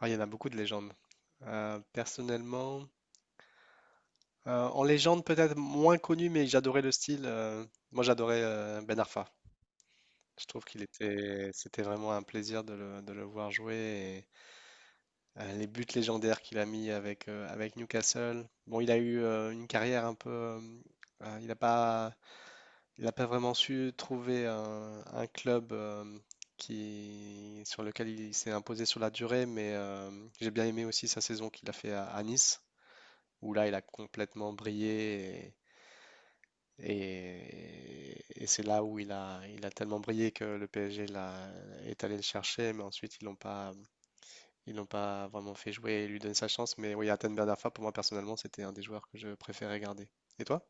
Ah, il y en a beaucoup de légendes. Personnellement, en légende peut-être moins connu, mais j'adorais le style. Moi, j'adorais Ben Arfa. Je trouve c'était vraiment un plaisir de de le voir jouer. Et, les buts légendaires qu'il a mis avec, avec Newcastle. Bon, il a eu une carrière un peu. Euh, il n'a pas, il a pas vraiment su trouver un club qui, sur lequel il s'est imposé sur la durée, mais j'ai bien aimé aussi sa saison qu'il a fait à Nice, où là il a complètement brillé et, et c'est là où il il a tellement brillé que le PSG est allé le chercher, mais ensuite ils l'ont pas vraiment fait jouer et lui donner sa chance. Mais oui, Hatem Ben Arfa, pour moi personnellement, c'était un des joueurs que je préférais garder. Et toi?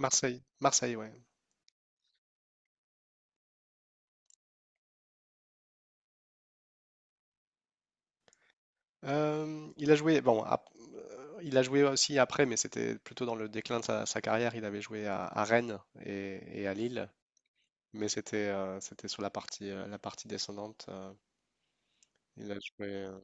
Marseille, Marseille, ouais. Euh, il a joué, bon, ap- il a joué aussi après, mais c'était plutôt dans le déclin de sa carrière. Il avait joué à Rennes et à Lille, mais c'était c'était sur la partie descendante. Il a joué.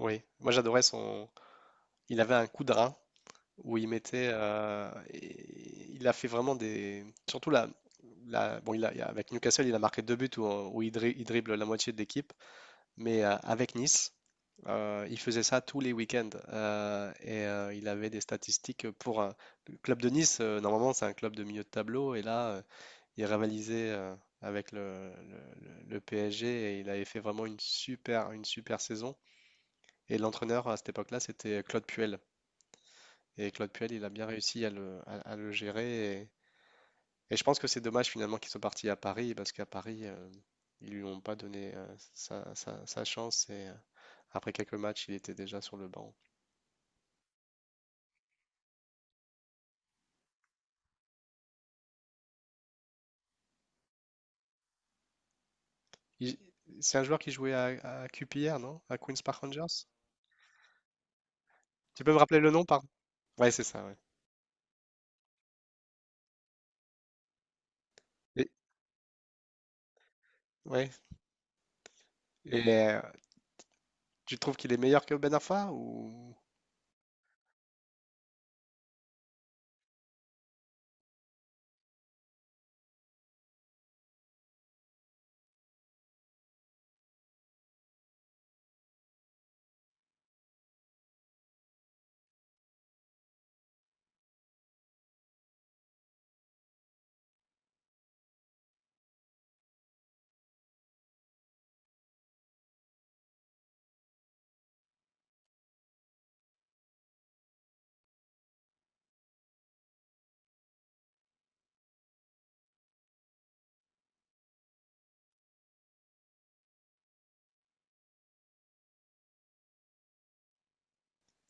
Oui, moi j'adorais son. Il avait un coup de rein où il mettait. Et il a fait vraiment des. Surtout Bon, avec Newcastle, il a marqué deux buts où il dribble la moitié de l'équipe. Mais avec Nice, il faisait ça tous les week-ends. Il avait des statistiques pour un. Le club de Nice, normalement, c'est un club de milieu de tableau. Et là, il rivalisait avec le PSG, et il avait fait vraiment une super saison. Et l'entraîneur à cette époque-là, c'était Claude Puel. Et Claude Puel, il a bien réussi à à le gérer. Et je pense que c'est dommage finalement qu'il soit parti à Paris, parce qu'à Paris, ils lui ont pas donné sa chance. Et après quelques matchs, il était déjà sur le banc. Il- C'est un joueur qui jouait à QPR, non? À Queen's Park Rangers? Tu peux me rappeler le nom, pardon? Ouais, c'est ça, ouais. Et, ouais. Et tu trouves qu'il est meilleur que Ben Arfa ou...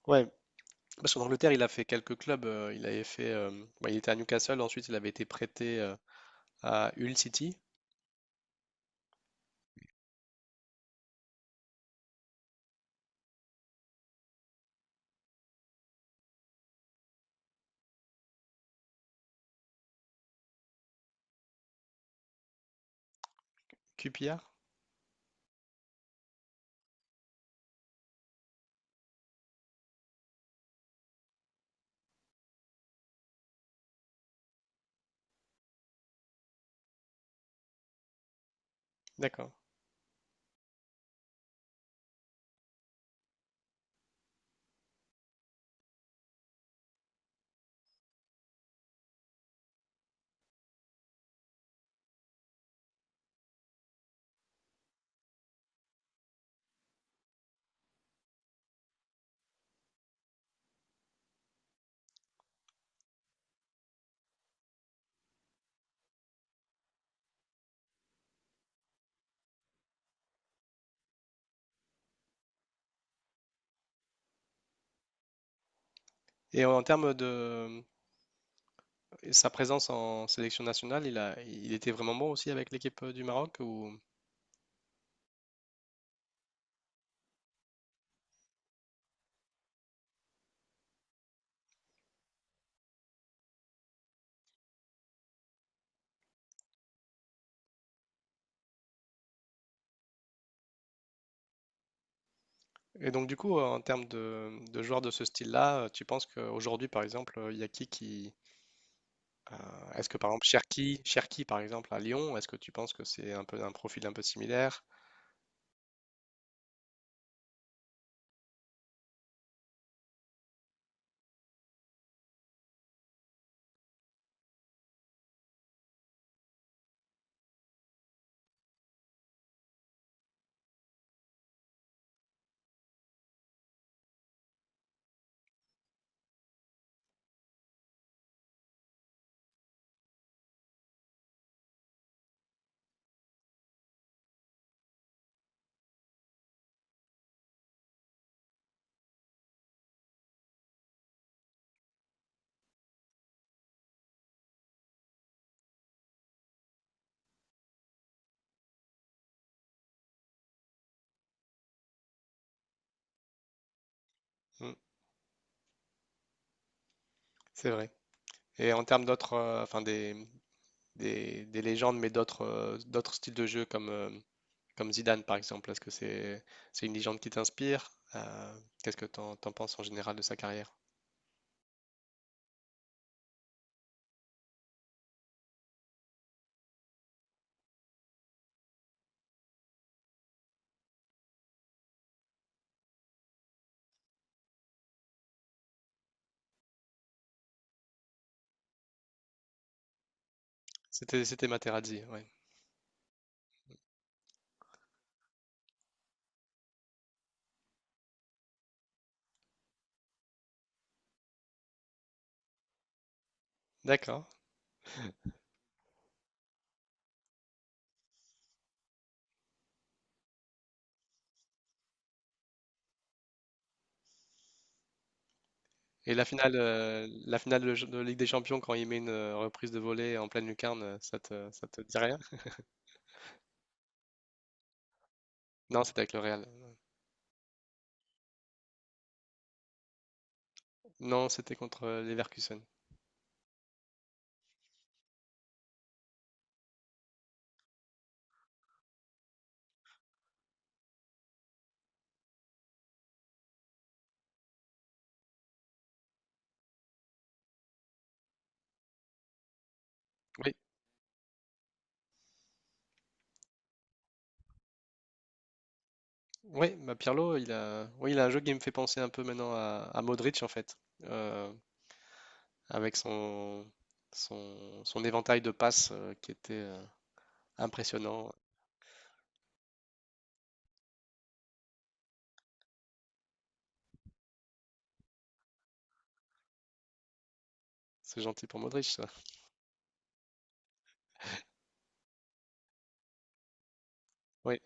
Ouais, parce qu'en Angleterre, il a fait quelques clubs. Il avait fait, bah, il était à Newcastle, ensuite il avait été prêté à Hull City, QPR. D'accord. Et en termes de sa présence en sélection nationale, il était vraiment bon aussi avec l'équipe du Maroc ou... Et donc du coup, en termes de joueurs de ce style-là, tu penses qu'aujourd'hui, par exemple, il y a qui... est-ce que par exemple Cherki par exemple à Lyon, est-ce que tu penses que c'est un peu un profil un peu similaire? Hmm, c'est vrai. Et en termes d'autres, enfin des légendes, mais d'autres d'autres styles de jeu comme, comme Zidane par exemple? Est-ce que c'est une légende qui t'inspire? Qu'est-ce que t'en penses en général de sa carrière? C'était Materazzi, ouais. D'accord. Et la finale de Ligue des Champions quand il met une reprise de volée en pleine lucarne, ça te dit rien? Non, c'était avec le Real. Non, c'était contre Leverkusen. Oui, oui, bah Pirlo, oui, il a un jeu qui me fait penser un peu maintenant à Modric en fait. Euh, Avec son, son éventail de passes qui était impressionnant. C'est gentil pour Modric, ça. Oui.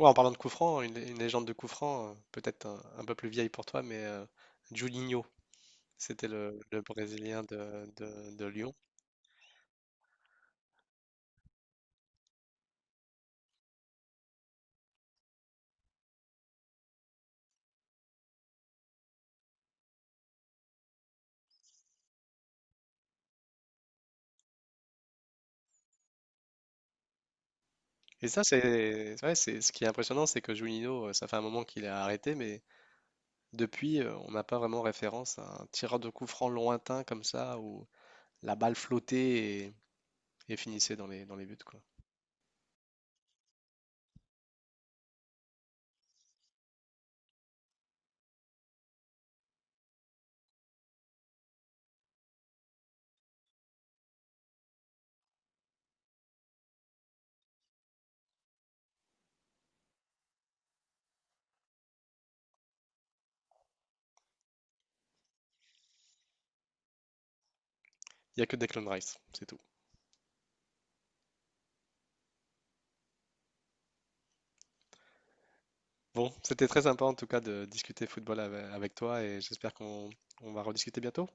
Ouais, en parlant de coup franc, hein, une légende de coup franc, peut-être un peu plus vieille pour toi, mais Juninho, c'était le Brésilien de Lyon. Et ça, c'est ouais, c'est ce qui est impressionnant, c'est que Julinho, ça fait un moment qu'il est arrêté, mais depuis, on n'a pas vraiment référence à un tireur de coup franc lointain comme ça, où la balle flottait et finissait dans dans les buts, quoi. Il n'y a que Declan Rice, c'est tout. Bon, c'était très sympa en tout cas de discuter football avec toi et j'espère qu'on on va rediscuter bientôt.